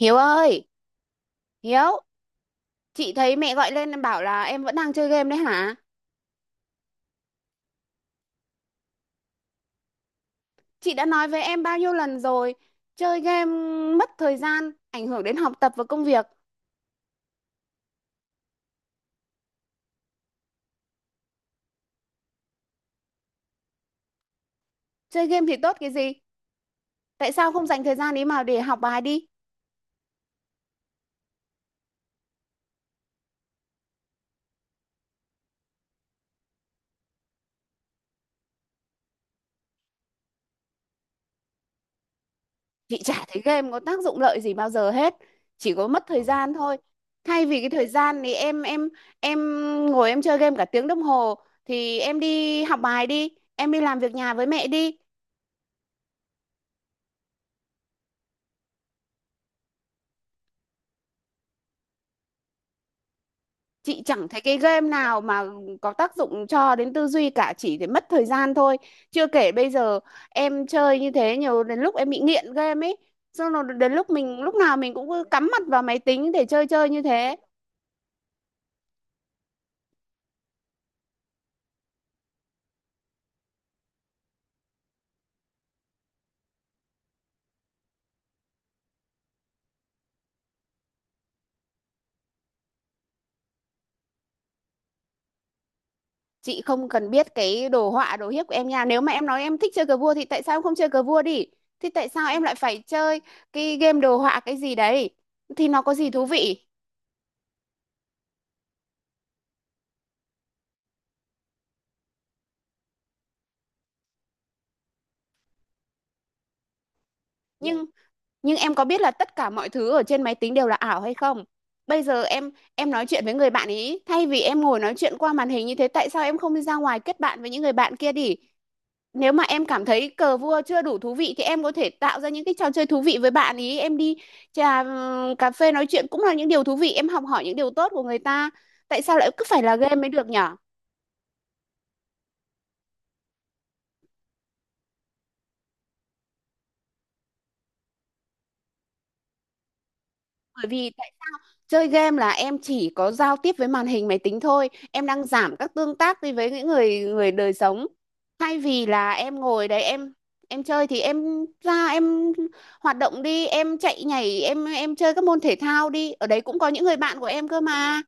Hiếu ơi, Hiếu, chị thấy mẹ gọi lên em bảo là em vẫn đang chơi game đấy hả? Chị đã nói với em bao nhiêu lần rồi, chơi game mất thời gian, ảnh hưởng đến học tập và công việc. Chơi game thì tốt cái gì? Tại sao không dành thời gian ấy mà để học bài đi? Chị chả thấy game có tác dụng lợi gì bao giờ hết, chỉ có mất thời gian thôi. Thay vì cái thời gian thì em ngồi em chơi game cả tiếng đồng hồ thì em đi học bài đi, em đi làm việc nhà với mẹ đi. Chị chẳng thấy cái game nào mà có tác dụng cho đến tư duy cả, chỉ để mất thời gian thôi. Chưa kể bây giờ em chơi như thế nhiều, đến lúc em bị nghiện game ấy, xong rồi đến lúc mình, lúc nào mình cũng cứ cắm mặt vào máy tính để chơi chơi như thế. Chị không cần biết cái đồ họa đồ hiếp của em nha, nếu mà em nói em thích chơi cờ vua thì tại sao em không chơi cờ vua đi? Thì tại sao em lại phải chơi cái game đồ họa cái gì đấy? Thì nó có gì thú vị? Nhưng Nhưng em có biết là tất cả mọi thứ ở trên máy tính đều là ảo hay không? Bây giờ em nói chuyện với người bạn ý, thay vì em ngồi nói chuyện qua màn hình như thế, tại sao em không đi ra ngoài kết bạn với những người bạn kia đi? Nếu mà em cảm thấy cờ vua chưa đủ thú vị thì em có thể tạo ra những cái trò chơi thú vị với bạn ý, em đi trà, cà phê nói chuyện cũng là những điều thú vị, em học hỏi những điều tốt của người ta. Tại sao lại cứ phải là game mới được nhở? Bởi vì chơi game là em chỉ có giao tiếp với màn hình máy tính thôi. Em đang giảm các tương tác đi với những người người đời sống. Thay vì là em ngồi đấy em chơi thì em ra em hoạt động đi, em chạy nhảy, em chơi các môn thể thao đi. Ở đấy cũng có những người bạn của em cơ mà.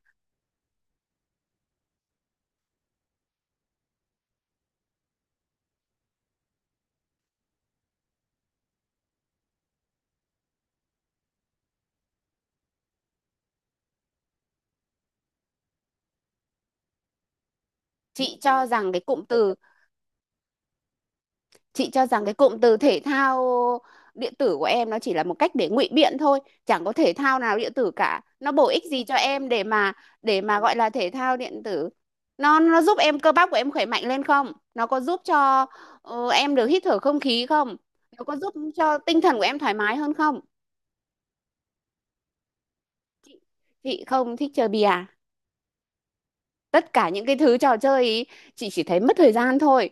Chị cho rằng cái cụm từ chị cho rằng cái cụm từ thể thao điện tử của em nó chỉ là một cách để ngụy biện thôi, chẳng có thể thao nào điện tử cả, nó bổ ích gì cho em để mà, để mà gọi là thể thao điện tử? Nó giúp em cơ bắp của em khỏe mạnh lên không, nó có giúp cho em được hít thở không khí không, nó có giúp cho tinh thần của em thoải mái hơn không? Chị không thích chơi bìa. Tất cả những cái thứ trò chơi ý, chị chỉ thấy mất thời gian thôi.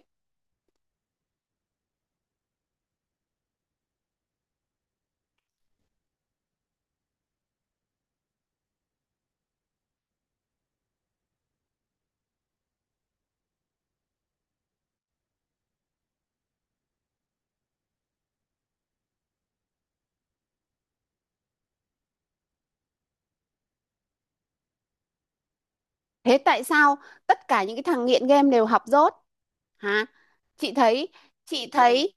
Thế tại sao tất cả những cái thằng nghiện game đều học dốt hả? chị thấy chị thấy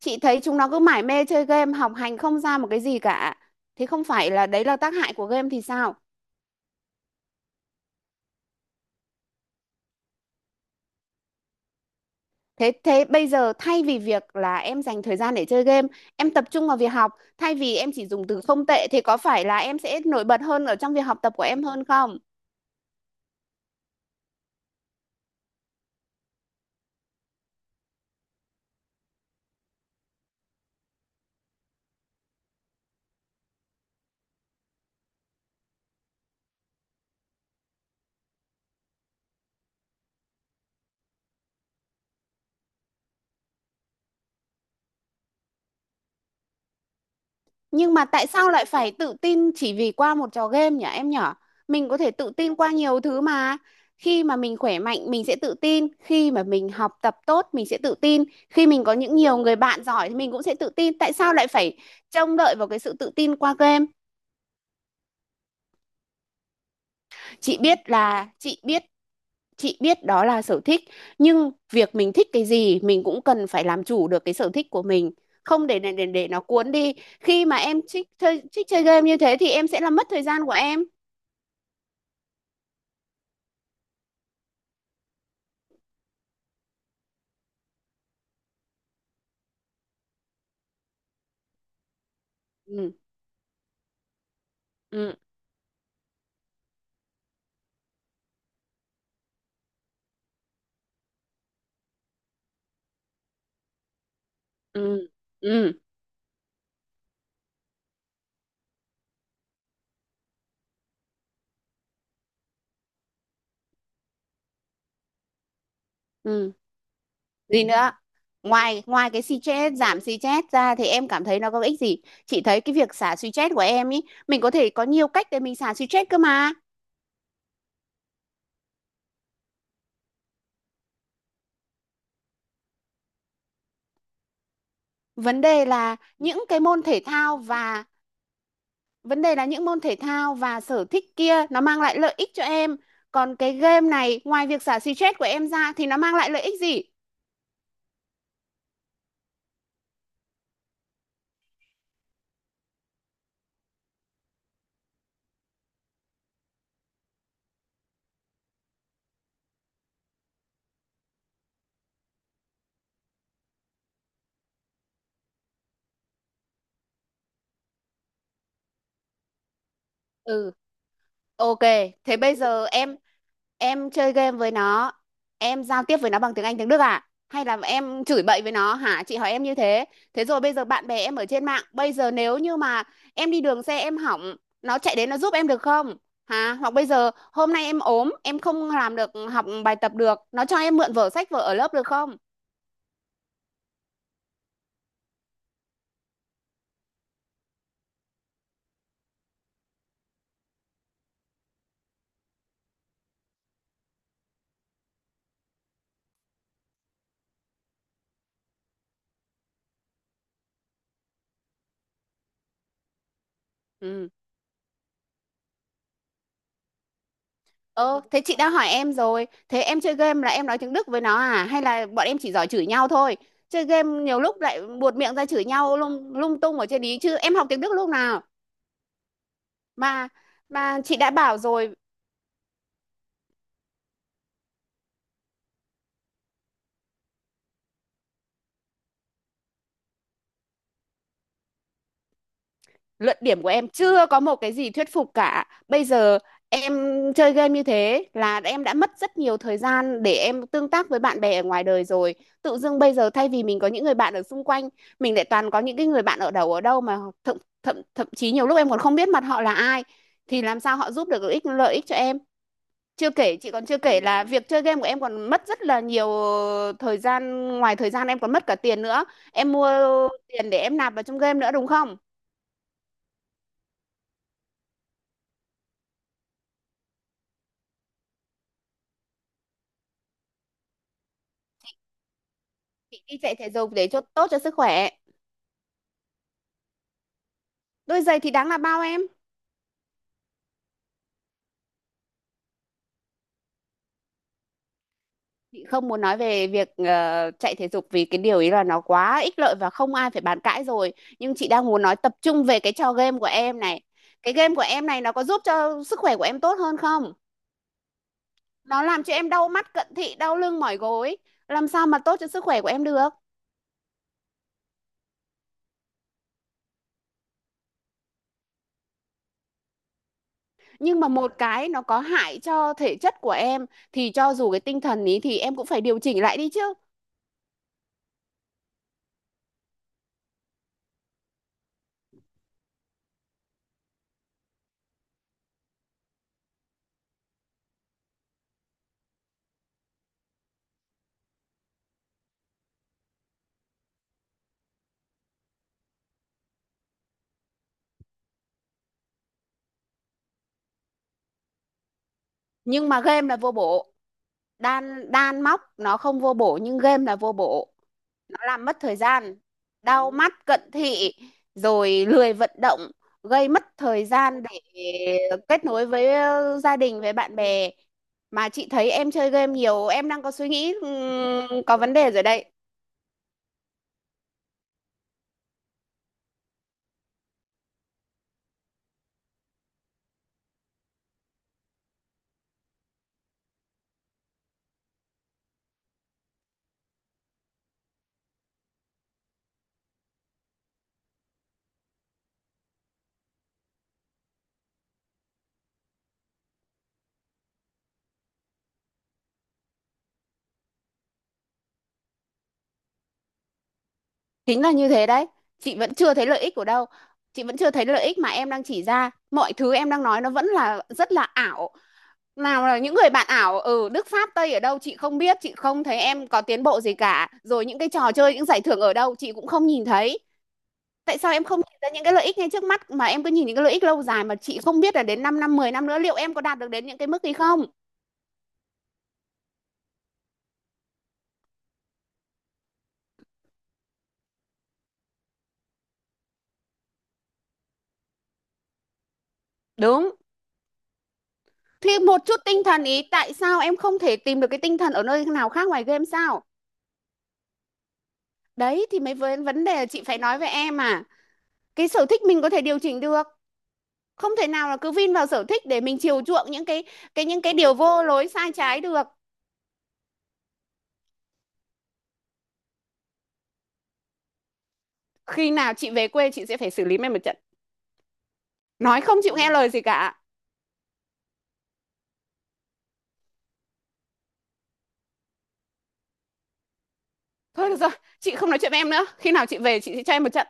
chị thấy chúng nó cứ mải mê chơi game học hành không ra một cái gì cả, thế không phải là đấy là tác hại của game thì sao? Thế thế bây giờ thay vì việc là em dành thời gian để chơi game, em tập trung vào việc học, thay vì em chỉ dùng từ không tệ thì có phải là em sẽ nổi bật hơn ở trong việc học tập của em hơn không? Nhưng mà tại sao lại phải tự tin chỉ vì qua một trò game nhỉ em nhở? Mình có thể tự tin qua nhiều thứ mà. Khi mà mình khỏe mạnh mình sẽ tự tin, khi mà mình học tập tốt mình sẽ tự tin, khi mình có những nhiều người bạn giỏi thì mình cũng sẽ tự tin. Tại sao lại phải trông đợi vào cái sự tự tin qua game? Chị biết là chị biết chị biết đó là sở thích, nhưng việc mình thích cái gì mình cũng cần phải làm chủ được cái sở thích của mình, không để nó cuốn đi. Khi mà em thích chơi game như thế thì em sẽ làm mất thời gian của em. Ừ. Ừ, ừ, ừ, ừ. Gì nữa? Ngoài ngoài cái stress, giảm stress ra thì em cảm thấy nó có ích gì? Chị thấy cái việc xả stress của em ý, mình có thể có nhiều cách để mình xả stress cơ mà. Vấn đề là những cái môn thể thao và, vấn đề là những môn thể thao và sở thích kia nó mang lại lợi ích cho em, còn cái game này ngoài việc xả stress của em ra thì nó mang lại lợi ích gì? Ừ. OK. Thế bây giờ em chơi game với nó, em giao tiếp với nó bằng tiếng Anh tiếng Đức à hay là em chửi bậy với nó hả, chị hỏi em như thế. Thế rồi bây giờ bạn bè em ở trên mạng, bây giờ nếu như mà em đi đường xe em hỏng, nó chạy đến nó giúp em được không? Hả? Hoặc bây giờ hôm nay em ốm em không làm được học bài tập được, nó cho em mượn vở sách vở ở lớp được không? Ừ. Ơ, thế chị đã hỏi em rồi, thế em chơi game là em nói tiếng Đức với nó à hay là bọn em chỉ giỏi chửi nhau thôi? Chơi game nhiều lúc lại buột miệng ra chửi nhau lung tung ở trên ý, chứ em học tiếng Đức lúc nào? Mà mà chị đã bảo rồi, luận điểm của em chưa có một cái gì thuyết phục cả. Bây giờ em chơi game như thế là em đã mất rất nhiều thời gian để em tương tác với bạn bè ở ngoài đời rồi. Tự dưng bây giờ thay vì mình có những người bạn ở xung quanh, mình lại toàn có những cái người bạn ở đầu ở đâu mà thậm thậm thậm chí nhiều lúc em còn không biết mặt họ là ai thì làm sao họ giúp được lợi ích cho em. Chưa kể chị còn chưa kể là việc chơi game của em còn mất rất là nhiều thời gian, ngoài thời gian em còn mất cả tiền nữa, em mua tiền để em nạp vào trong game nữa đúng không? Chị đi chạy thể dục để cho tốt cho sức khỏe. Đôi giày thì đáng là bao em. Chị không muốn nói về việc chạy thể dục vì cái điều ý là nó quá ích lợi và không ai phải bàn cãi rồi, nhưng chị đang muốn nói tập trung về cái trò game của em này. Cái game của em này nó có giúp cho sức khỏe của em tốt hơn không? Nó làm cho em đau mắt cận thị đau lưng mỏi gối, làm sao mà tốt cho sức khỏe của em được? Nhưng mà một cái nó có hại cho thể chất của em thì cho dù cái tinh thần ý thì em cũng phải điều chỉnh lại đi chứ. Nhưng mà game là vô bổ. Đan đan móc nó không vô bổ nhưng game là vô bổ. Nó làm mất thời gian, đau mắt, cận thị, rồi lười vận động, gây mất thời gian để kết nối với gia đình với bạn bè. Mà chị thấy em chơi game nhiều, em đang có suy nghĩ có vấn đề rồi đấy. Chính là như thế đấy. Chị vẫn chưa thấy lợi ích của đâu, chị vẫn chưa thấy lợi ích mà em đang chỉ ra, mọi thứ em đang nói nó vẫn là rất là ảo. Nào là những người bạn ảo ở Đức Pháp Tây ở đâu chị không biết, chị không thấy em có tiến bộ gì cả, rồi những cái trò chơi những giải thưởng ở đâu chị cũng không nhìn thấy. Tại sao em không nhìn ra những cái lợi ích ngay trước mắt mà em cứ nhìn những cái lợi ích lâu dài mà chị không biết là đến 5 năm 10 năm nữa liệu em có đạt được đến những cái mức ấy không? Đúng. Thì một chút tinh thần ý, tại sao em không thể tìm được cái tinh thần ở nơi nào khác ngoài game sao? Đấy thì mấy vấn vấn đề là chị phải nói với em à. Cái sở thích mình có thể điều chỉnh được. Không thể nào là cứ vin vào sở thích để mình chiều chuộng những cái những cái điều vô lối sai trái được. Khi nào chị về quê chị sẽ phải xử lý em một trận. Nói không chịu nghe lời gì cả. Thôi được rồi, chị không nói chuyện với em nữa. Khi nào chị về chị sẽ cho em một trận.